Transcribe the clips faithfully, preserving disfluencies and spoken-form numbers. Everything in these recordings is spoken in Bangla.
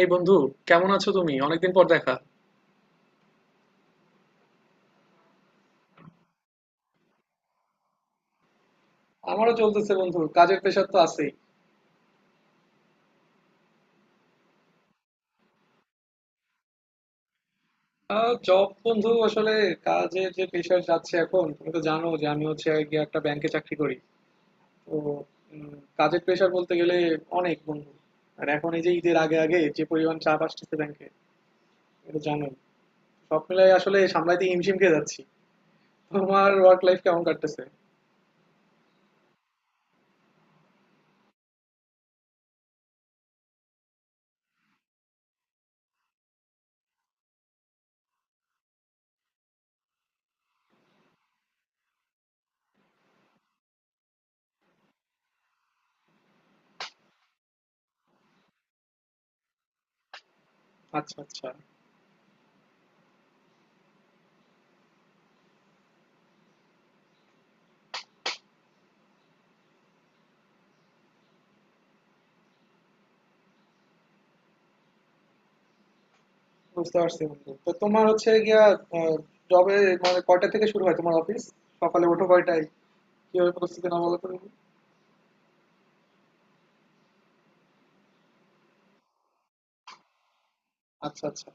এই বন্ধু, কেমন আছো তুমি? অনেকদিন পর দেখা। আমারও চলতেছে বন্ধু, কাজের প্রেশার তো আছেই। জব বন্ধু আসলে কাজের যে প্রেশার যাচ্ছে এখন, তুমি তো জানো যে আমি হচ্ছে গিয়ে একটা ব্যাংকে চাকরি করি। তো উম, কাজের প্রেশার বলতে গেলে অনেক বন্ধু। আর এখন এই যে ঈদের আগে আগে যে পরিমাণ চাপ আসতেছে ব্যাংকে, এটা তো জানোই। সব মিলাই আসলে সামলাইতে হিমশিম খেয়ে যাচ্ছি। তোমার ওয়ার্ক লাইফ কেমন কাটতেছে? আচ্ছা আচ্ছা। বুঝতে পারছি বন্ধু। তো তোমার হচ্ছে গিয়া জবে, মানে কয়টা থেকে শুরু হয় তোমার অফিস? সকালে ওঠো কয়টায়? কিভাবে পরিস্থিতি না বলো তো দেখি। আচ্ছা আচ্ছা।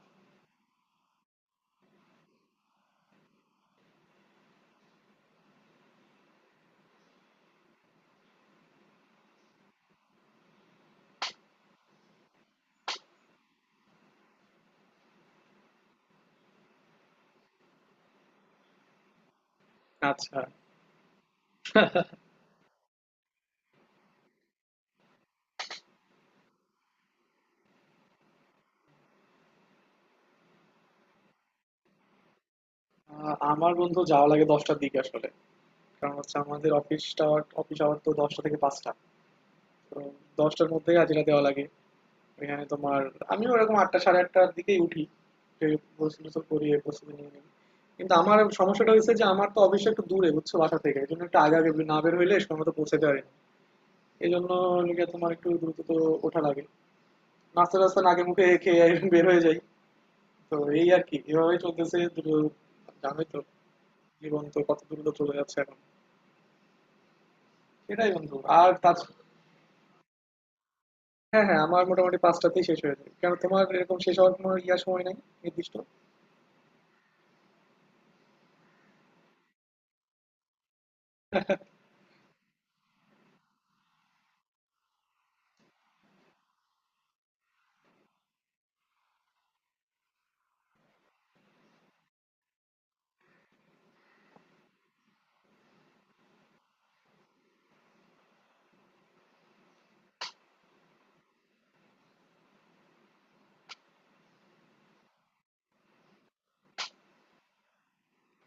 আচ্ছা। আহ, আমার বন্ধু যাওয়া লাগে দশটার দিকে আসলে। কারণ হচ্ছে আমাদের অফিসটা, অফিস আওয়ার তো দশটা থেকে পাঁচটা। তো দশটার মধ্যে হাজিরা দেওয়া লাগে। এখানে তোমার আমিও ওরকম আটটা সাড়ে আটটার দিকেই উঠি। যে প্রস্তুতি তো করি, এই প্রস্তুতি নিয়ে নিই। কিন্তু আমার সমস্যাটা হয়েছে যে আমার তো অফিস একটু দূরে, বুঝছো, বাসা থেকে। এই জন্য একটু আগে আগে না বের হইলে সময় মতো পৌঁছাতে পারি না। এই জন্য লিগে তোমার একটু দ্রুত তো ওঠা লাগে। নাস্তা টাস্তা আগে মুখে খেয়ে বের হয়ে যাই। তো এই আর কি এভাবে চলতেছে দুটো। জানোই তো, জীবন তো কত দ্রুত চলে যাচ্ছে এখন। সেটাই বন্ধু আর তার, হ্যাঁ হ্যাঁ আমার মোটামুটি পাঁচটাতেই শেষ হয়ে যায়, কারণ তোমার এরকম শেষ হওয়ার কোনো ইয়া সময় নাই নির্দিষ্ট।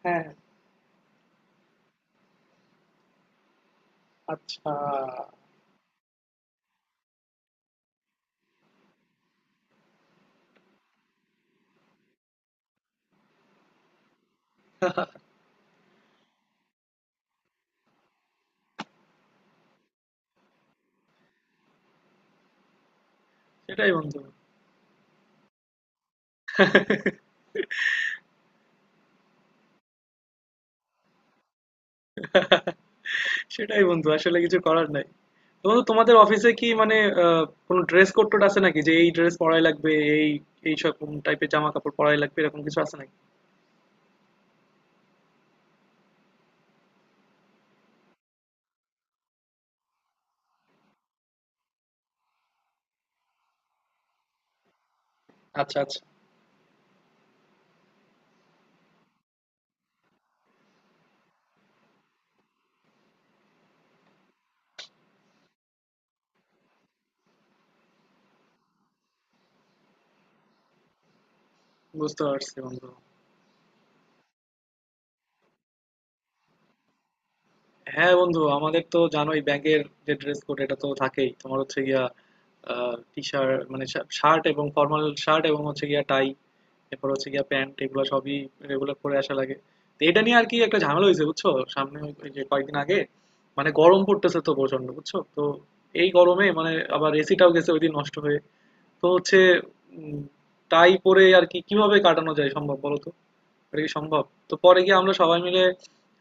হ্যাঁ হ্যাঁ, আচ্ছা সেটাই বন্ধু। সেটাই বন্ধু, আসলে কিছু করার নাই। তো বন্ধু, তোমাদের অফিসে কি মানে আহ, কোনো ড্রেস কোড টোড আছে নাকি, যে এই ড্রেস পরাই লাগবে, এই এই সব টাইপের জামা কাপড় পরাই লাগবে, এরকম কিছু আছে নাকি? আচ্ছা আচ্ছা, বুঝতে পারছি বন্ধু। হ্যাঁ বন্ধু, আমাদের তো জানোই ব্যাংকের যে ড্রেস কোড এটা তো থাকেই। তোমার হচ্ছে গিয়া টি শার্ট মানে শার্ট, এবং ফর্মাল শার্ট এবং হচ্ছে গিয়া টাই, এরপর হচ্ছে গিয়ে প্যান্ট, এগুলো সবই রেগুলার পরে আসা লাগে। তো এটা নিয়ে আর কি একটা ঝামেলা হয়েছে বুঝছো। সামনে ওই ওই যে কয়েকদিন আগে, মানে গরম পড়তেছে তো প্রচন্ড বুঝছো তো। এই গরমে মানে আবার এসিটাও গেছে ওইদিন নষ্ট হয়ে। তো হচ্ছে উম, টাই পরে আর কি কিভাবে কাটানো যায় সম্ভব বলো তো? এটা কি সম্ভব? তো পরে গিয়ে আমরা সবাই মিলে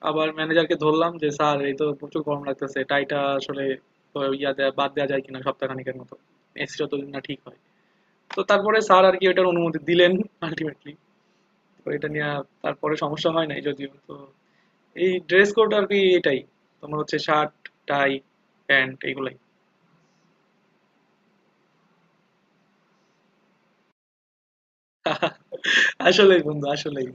আবার ম্যানেজারকে ধরলাম যে স্যার এই তো প্রচুর গরম লাগতেছে, টাইটা আসলে তো ইয়া দেয়া বাদ দেওয়া যায় কিনা সপ্তাহখানেকের মতো, এসি যতদিন না ঠিক হয়। তো তারপরে স্যার আর কি এটার অনুমতি দিলেন আলটিমেটলি। তো এটা নিয়ে তারপরে সমস্যা হয় নাই যদিও। তো এই ড্রেস কোড আর কি এটাই, তোমার হচ্ছে শার্ট, টাই, প্যান্ট, এগুলাই। আসলেই বন্ধু, আসলেই।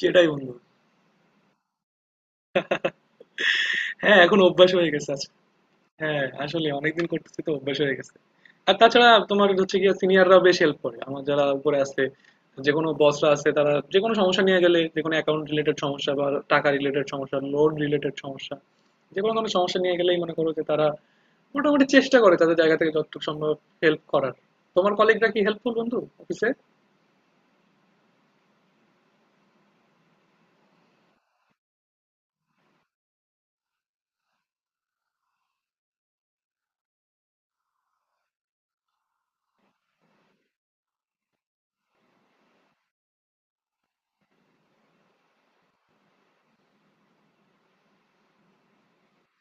সেটাই বন্ধু। হ্যাঁ এখন অভ্যাস হয়ে গেছে। আচ্ছা, হ্যাঁ আসলে অনেকদিন করতেছি তো অভ্যাস হয়ে গেছে। আর তাছাড়া তোমার হচ্ছে গিয়ে সিনিয়ররা বেশ হেল্প করে, আমার যারা উপরে আছে, যে কোনো বসরা আছে, তারা যে কোনো সমস্যা নিয়ে গেলে, যে কোনো অ্যাকাউন্ট রিলেটেড সমস্যা বা টাকা রিলেটেড সমস্যা, লোন রিলেটেড সমস্যা, যে কোনো ধরনের সমস্যা নিয়ে গেলেই মনে করো যে তারা মোটামুটি চেষ্টা করে তাদের জায়গা থেকে যতটুকু সম্ভব হেল্প করার। তোমার কলিগরা কি হেল্পফুল বন্ধু অফিসে?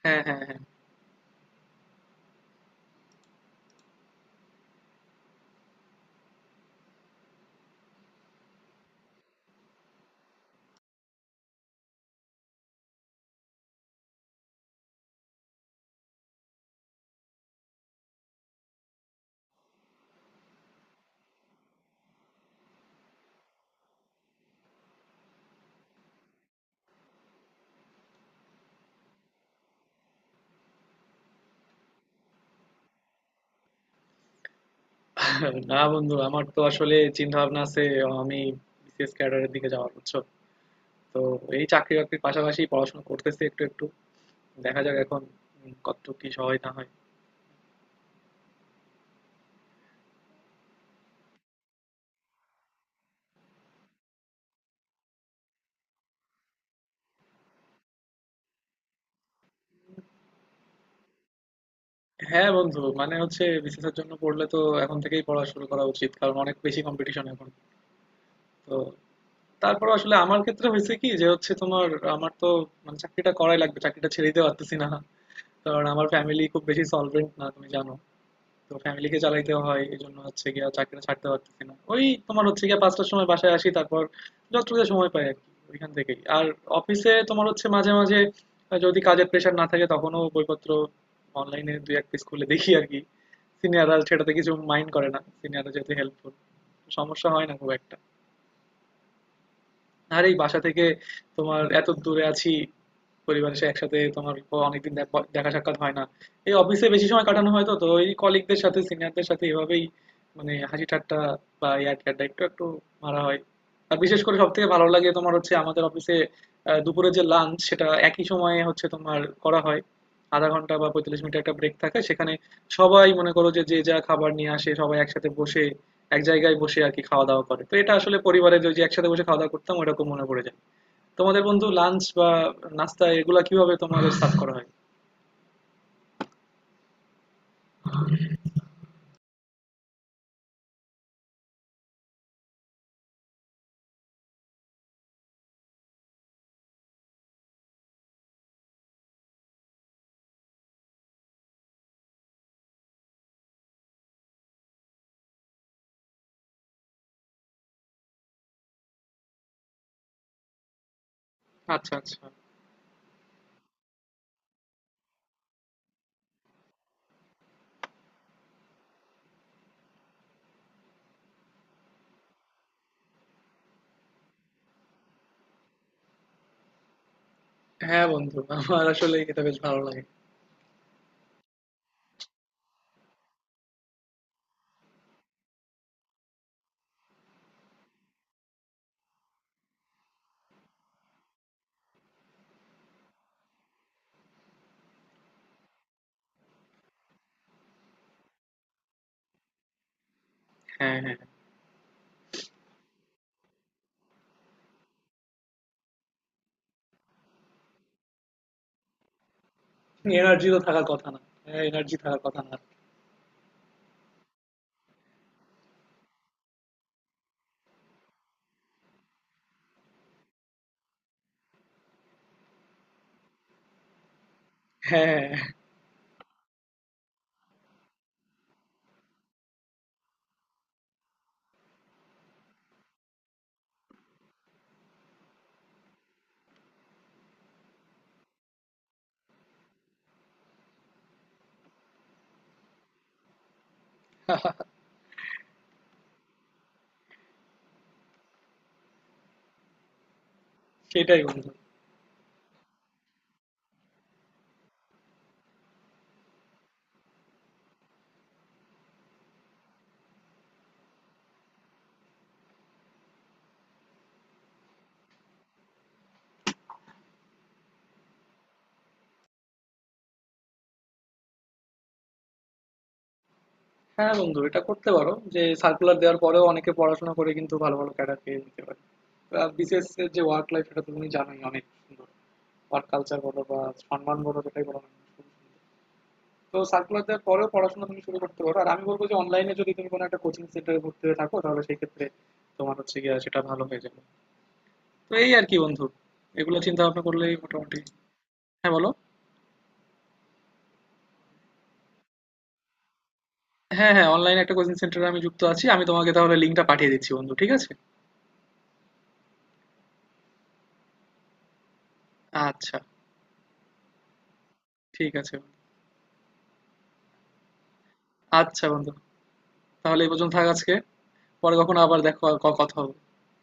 হ্যাঁ হ্যাঁ হ্যাঁ। না বন্ধু, আমার তো আসলে চিন্তা ভাবনা আছে, আমি বিসিএস ক্যাডারের দিকে যাওয়ার, বুঝছো। তো এই চাকরি বাকরির পাশাপাশি পড়াশোনা করতেছি একটু একটু। দেখা যাক এখন উম, কতটুকু কি সহায় না হয়। হ্যাঁ বন্ধু, মানে হচ্ছে বিসিএস এর জন্য পড়লে তো এখন থেকেই পড়া শুরু করা উচিত, কারণ অনেক বেশি কম্পিটিশন এখন। তো তারপর আসলে আমার ক্ষেত্রে হয়েছে কি, যে হচ্ছে তোমার, আমার তো মানে চাকরিটা করাই লাগবে, চাকরিটা ছেড়ে দিতে পারতেছি না, কারণ আমার ফ্যামিলি খুব বেশি সলভেন্ট না তুমি জানো। তো ফ্যামিলিকে চালাইতে হয়, এই জন্য হচ্ছে গিয়া চাকরিটা ছাড়তে পারতেছি না ওই। তোমার হচ্ছে গিয়া পাঁচটার সময় বাসায় আসি, তারপর যতটুকু সময় পাই আর কি ওইখান থেকেই। আর অফিসে তোমার হচ্ছে মাঝে মাঝে আহ, যদি কাজের প্রেশার না থাকে তখনও বইপত্র অনলাইনে দুই এক পিস খুলে দেখি আর কি। সিনিয়ররা সেটাতে কিছু মাইন্ড করে না, সিনিয়ররা যেহেতু হেল্পফুল, সমস্যা হয় না খুব একটা। আর এই বাসা থেকে তোমার এত দূরে আছি, পরিবার এসে একসাথে তোমার অনেকদিন দেখ- দেখা সাক্ষাৎ হয় না। এই অফিসে বেশি সময় কাটানো হয়, তো তো ওই কলিগদের সাথে সিনিয়রদের সাথে এভাবেই মানে হাসি ঠাট্টা বা ইয়ার ঠাট্টা একটু একটু মারা হয়। আর বিশেষ করে সব থেকে ভালো লাগে তোমার হচ্ছে আমাদের অফিসে আহ, দুপুরে যে লাঞ্চ সেটা একই সময়ে হচ্ছে তোমার করা হয়। আধা ঘন্টা বা পঁয়তাল্লিশ মিনিট একটা ব্রেক থাকে সেখানে, সবাই মনে করো যে যে যা খাবার নিয়ে আসে সবাই একসাথে বসে এক জায়গায় বসে আর কি খাওয়া দাওয়া করে। তো এটা আসলে পরিবারের ওই যে একসাথে বসে খাওয়া দাওয়া করতাম ওরকম মনে পড়ে যায়। তোমাদের বন্ধু লাঞ্চ বা নাস্তা এগুলা কিভাবে তোমাদের সার্ভ করা হয়? আচ্ছা আচ্ছা। হ্যাঁ বন্ধু, আমার আসলে এটা বেশ ভালো লাগে। হ্যাঁ হ্যাঁ, এনার্জি তো থাকার কথা না। হ্যাঁ এনার্জি থাকার কথা না। হ্যাঁ হ্যাঁ, সেটাই বন্ধু। হ্যাঁ বন্ধু, এটা করতে পারো, যে সার্কুলার দেওয়ার পরেও অনেকে পড়াশোনা করে কিন্তু ভালো ভালো ক্যাডার পেয়ে যেতে পারে। আর বিশেষ যে ওয়ার্ক লাইফ, এটা তো তুমি জানোই অনেক সুন্দর। ওয়ার্ক কালচার বলো বা সম্মান বলো, যেটাই বলো না কেন, খুব সুন্দর। তো সার্কুলারদের পরেও পড়াশোনা তুমি শুরু করতে পারো, আর আমি বলবো যে অনলাইনে যদি তুমি কোনো একটা কোচিং সেন্টারে ভর্তি হয়ে থাকো, তাহলে সেই ক্ষেত্রে তোমার হচ্ছে গিয়ে সেটা ভালো হয়ে যাবে। তো এই আর কি বন্ধু, এগুলো চিন্তা ভাবনা করলেই মোটামুটি। হ্যাঁ বলো। হ্যাঁ হ্যাঁ, অনলাইনে একটা কোচিং সেন্টারে আমি যুক্ত আছি। আমি তোমাকে তাহলে লিঙ্কটা পাঠিয়ে দিচ্ছি বন্ধু, ঠিক আছে? আচ্ছা, ঠিক আছে। আচ্ছা বন্ধু, তাহলে এই পর্যন্ত থাক আজকে। পরে কখনো আবার দেখো, ক- কথা হবে।